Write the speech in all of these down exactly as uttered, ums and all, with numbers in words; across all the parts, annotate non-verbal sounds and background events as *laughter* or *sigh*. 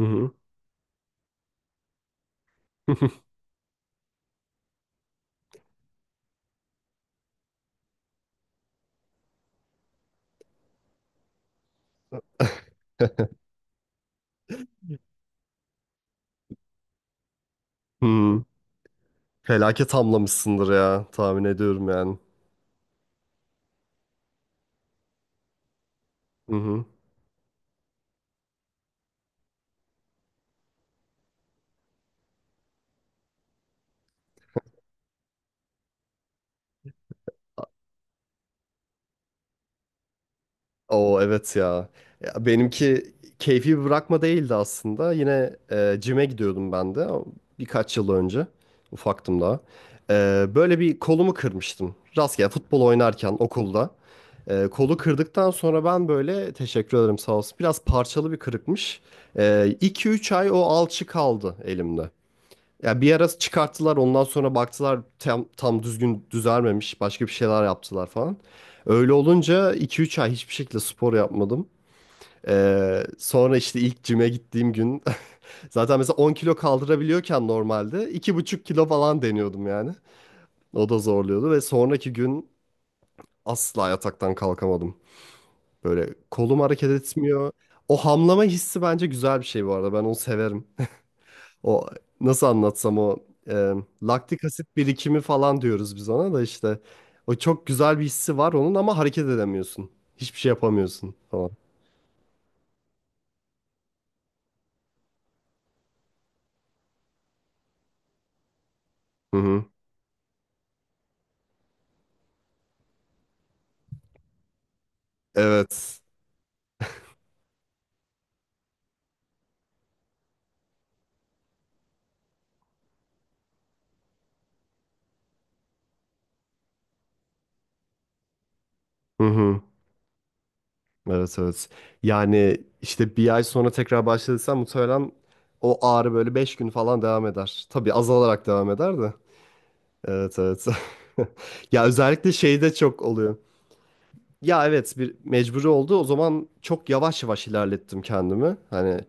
Hı hı. *laughs* Hı. Felaket hamlamışsındır ya tahmin ediyorum yani. Hı hı. Oo evet ya. Ya benimki keyfi bir bırakma değildi aslında. Yine e, cime gidiyordum ben de birkaç yıl önce. Ufaktım daha. E, böyle bir kolumu kırmıştım. Rastgele futbol oynarken okulda. E, kolu kırdıktan sonra ben böyle teşekkür ederim sağ olsun. Biraz parçalı bir kırıkmış. E, iki üç ay o alçı kaldı elimde. Ya bir ara çıkarttılar ondan sonra baktılar tam, tam düzgün düzelmemiş başka bir şeyler yaptılar falan. Öyle olunca iki üç ay hiçbir şekilde spor yapmadım. Ee, sonra işte ilk cime gittiğim gün *laughs* zaten mesela on kilo kaldırabiliyorken normalde iki buçuk kilo falan deniyordum yani. O da zorluyordu ve sonraki gün asla yataktan kalkamadım. Böyle kolum hareket etmiyor. O hamlama hissi bence güzel bir şey bu arada, ben onu severim. O nasıl anlatsam, o e, laktik asit birikimi falan diyoruz biz ona da işte. O çok güzel bir hissi var onun ama hareket edemiyorsun. Hiçbir şey yapamıyorsun falan. Hı hı. Evet. Hı hı. Evet evet. Yani işte bir ay sonra tekrar başladıysan muhtemelen o ağrı böyle beş gün falan devam eder. Tabii azalarak devam eder de. Evet evet. *laughs* Ya özellikle şeyde çok oluyor. Ya evet, bir mecburi oldu. O zaman çok yavaş yavaş ilerlettim kendimi. Hani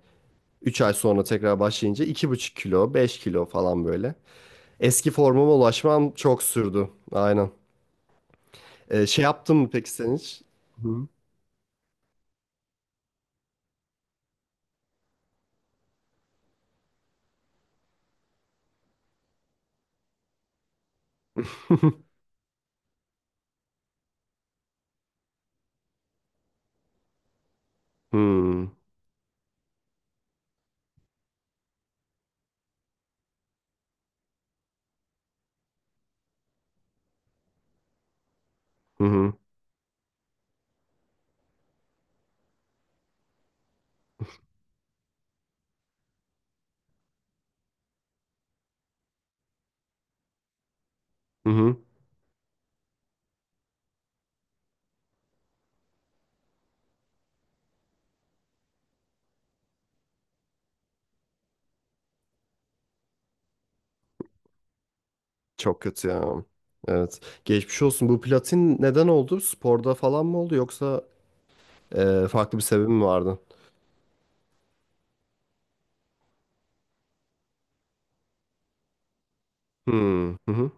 üç ay sonra tekrar başlayınca iki buçuk kilo, beş kilo falan böyle. Eski formuma ulaşmam çok sürdü. Aynen. Ee, şey yaptın mı peki sen hiç? Hı. *laughs* Hmm. Hı hı. Hı hı. Çok kötü ya. Evet. Geçmiş olsun. Bu platin neden oldu? Sporda falan mı oldu yoksa e, farklı bir sebebi mi vardı? Hmm. Hı hı.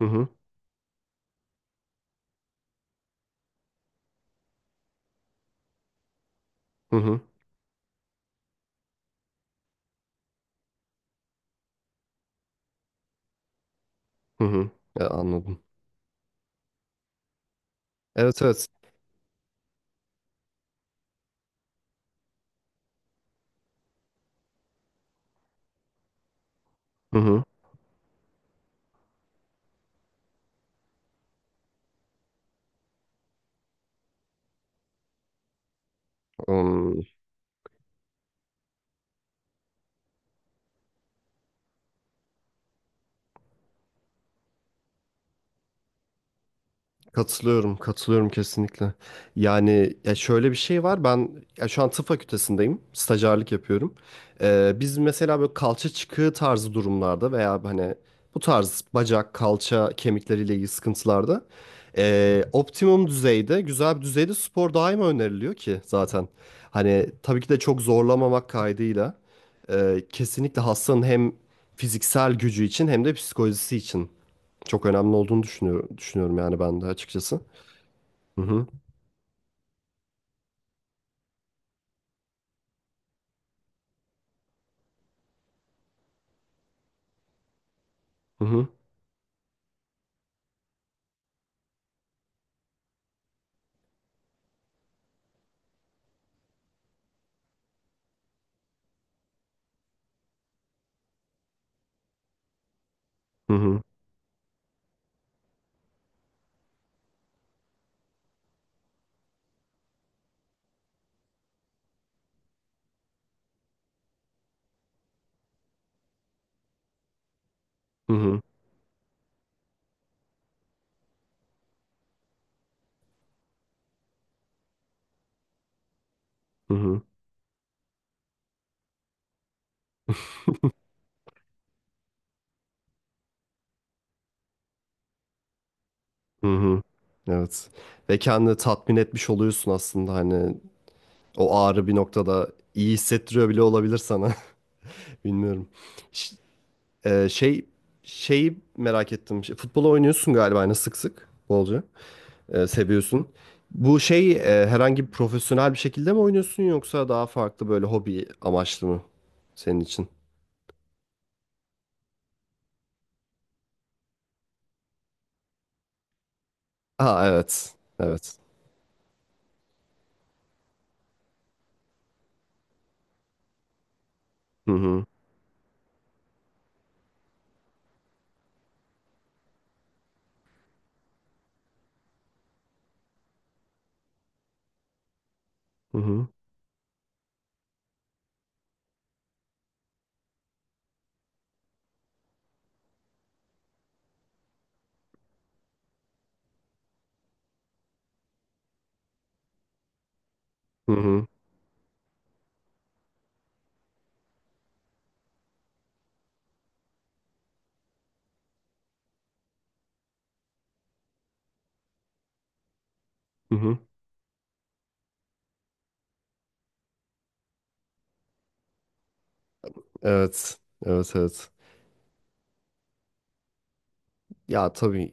Hı hı. Hı hı. Hı hı. E, anladım. Evet evet. Hı hı. Hmm. Katılıyorum, katılıyorum kesinlikle. Yani ya şöyle bir şey var. Ben ya şu an tıp fakültesindeyim. Stajyerlik yapıyorum. Ee, biz mesela böyle kalça çıkığı tarzı durumlarda veya hani bu tarz bacak, kalça, kemikleriyle ilgili sıkıntılarda ee, optimum düzeyde, güzel bir düzeyde spor daima öneriliyor ki zaten. Hani tabii ki de çok zorlamamak kaydıyla ee, kesinlikle hastanın hem fiziksel gücü için hem de psikolojisi için çok önemli olduğunu düşünüyorum, düşünüyorum yani ben de açıkçası. Hı hı, hı hı, hı hı, hı hı, hı hı, hı hı. Evet. Ve kendini tatmin etmiş oluyorsun aslında, hani o ağrı bir noktada iyi hissettiriyor bile olabilir sana. *laughs* Bilmiyorum. Ş- e, şey şeyi merak ettim. Şey, futbol oynuyorsun galiba hani sık sık bolca. E, seviyorsun. Bu şey e, herhangi bir profesyonel bir şekilde mi oynuyorsun yoksa daha farklı böyle hobi amaçlı mı senin için? Ha evet. Evet. Hı hı. Hı hı. Hı hı. Hı hı. Evet. Evet evet. Ya tabii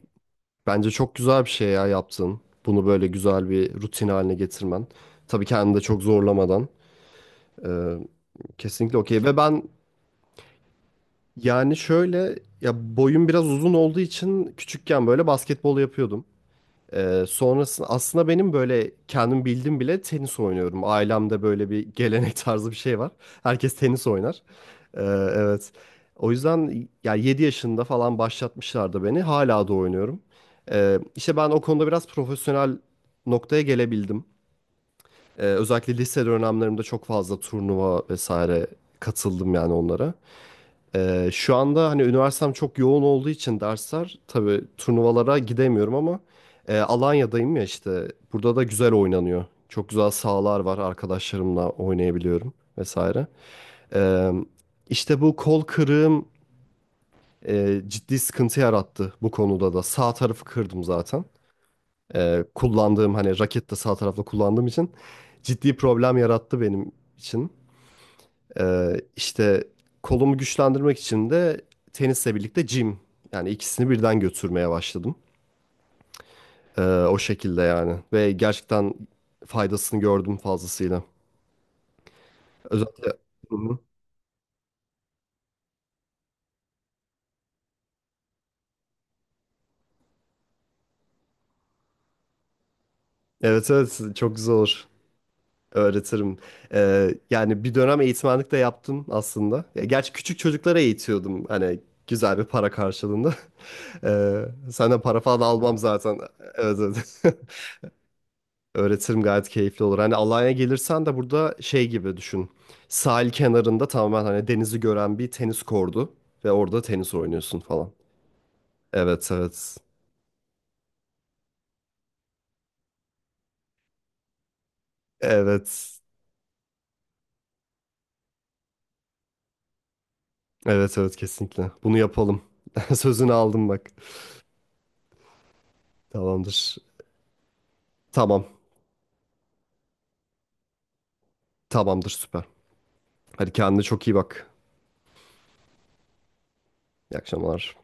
bence çok güzel bir şey ya yaptın. Bunu böyle güzel bir rutin haline getirmen. Tabii kendini de çok zorlamadan. Ee, Kesinlikle okey. Ve ben yani şöyle, ya boyum biraz uzun olduğu için küçükken böyle basketbol yapıyordum. Ee, sonrasında aslında benim böyle kendim bildim bile tenis oynuyorum. Ailemde böyle bir gelenek *laughs* tarzı bir şey var. Herkes tenis oynar. Ee, evet. O yüzden ya yedi yaşında falan başlatmışlardı beni. Hala da oynuyorum. Ee, işte ben o konuda biraz profesyonel noktaya gelebildim. Ee, özellikle lise dönemlerimde çok fazla turnuva vesaire katıldım yani onlara. Ee, şu anda hani üniversitem çok yoğun olduğu için dersler, tabii turnuvalara gidemiyorum ama e, Alanya'dayım ya işte. Burada da güzel oynanıyor. Çok güzel sahalar var. Arkadaşlarımla oynayabiliyorum vesaire. Ee, işte bu kol kırığım e, ciddi sıkıntı yarattı bu konuda da. Sağ tarafı kırdım zaten. E, kullandığım hani raket de sağ tarafla kullandığım için ciddi problem yarattı benim için. E, işte kolumu güçlendirmek için de tenisle birlikte gym, yani ikisini birden götürmeye başladım. E, o şekilde yani ve gerçekten faydasını gördüm fazlasıyla. Özellikle hı hı. Evet evet, çok güzel olur. Öğretirim. Ee, yani bir dönem eğitmenlik de yaptım aslında. Ya, gerçi küçük çocuklara eğitiyordum. Hani güzel bir para karşılığında. *laughs* Ee, Senden para falan almam zaten. Evet, evet. *laughs* Öğretirim, gayet keyifli olur. Hani Alanya'ya gelirsen de burada şey gibi düşün. Sahil kenarında, tamamen hani denizi gören bir tenis kordu. Ve orada tenis oynuyorsun falan. Evet evet. Evet. Evet evet, kesinlikle. Bunu yapalım. *laughs* Sözünü aldım bak. Tamamdır. Tamam. Tamamdır, süper. Hadi kendine çok iyi bak. İyi akşamlar.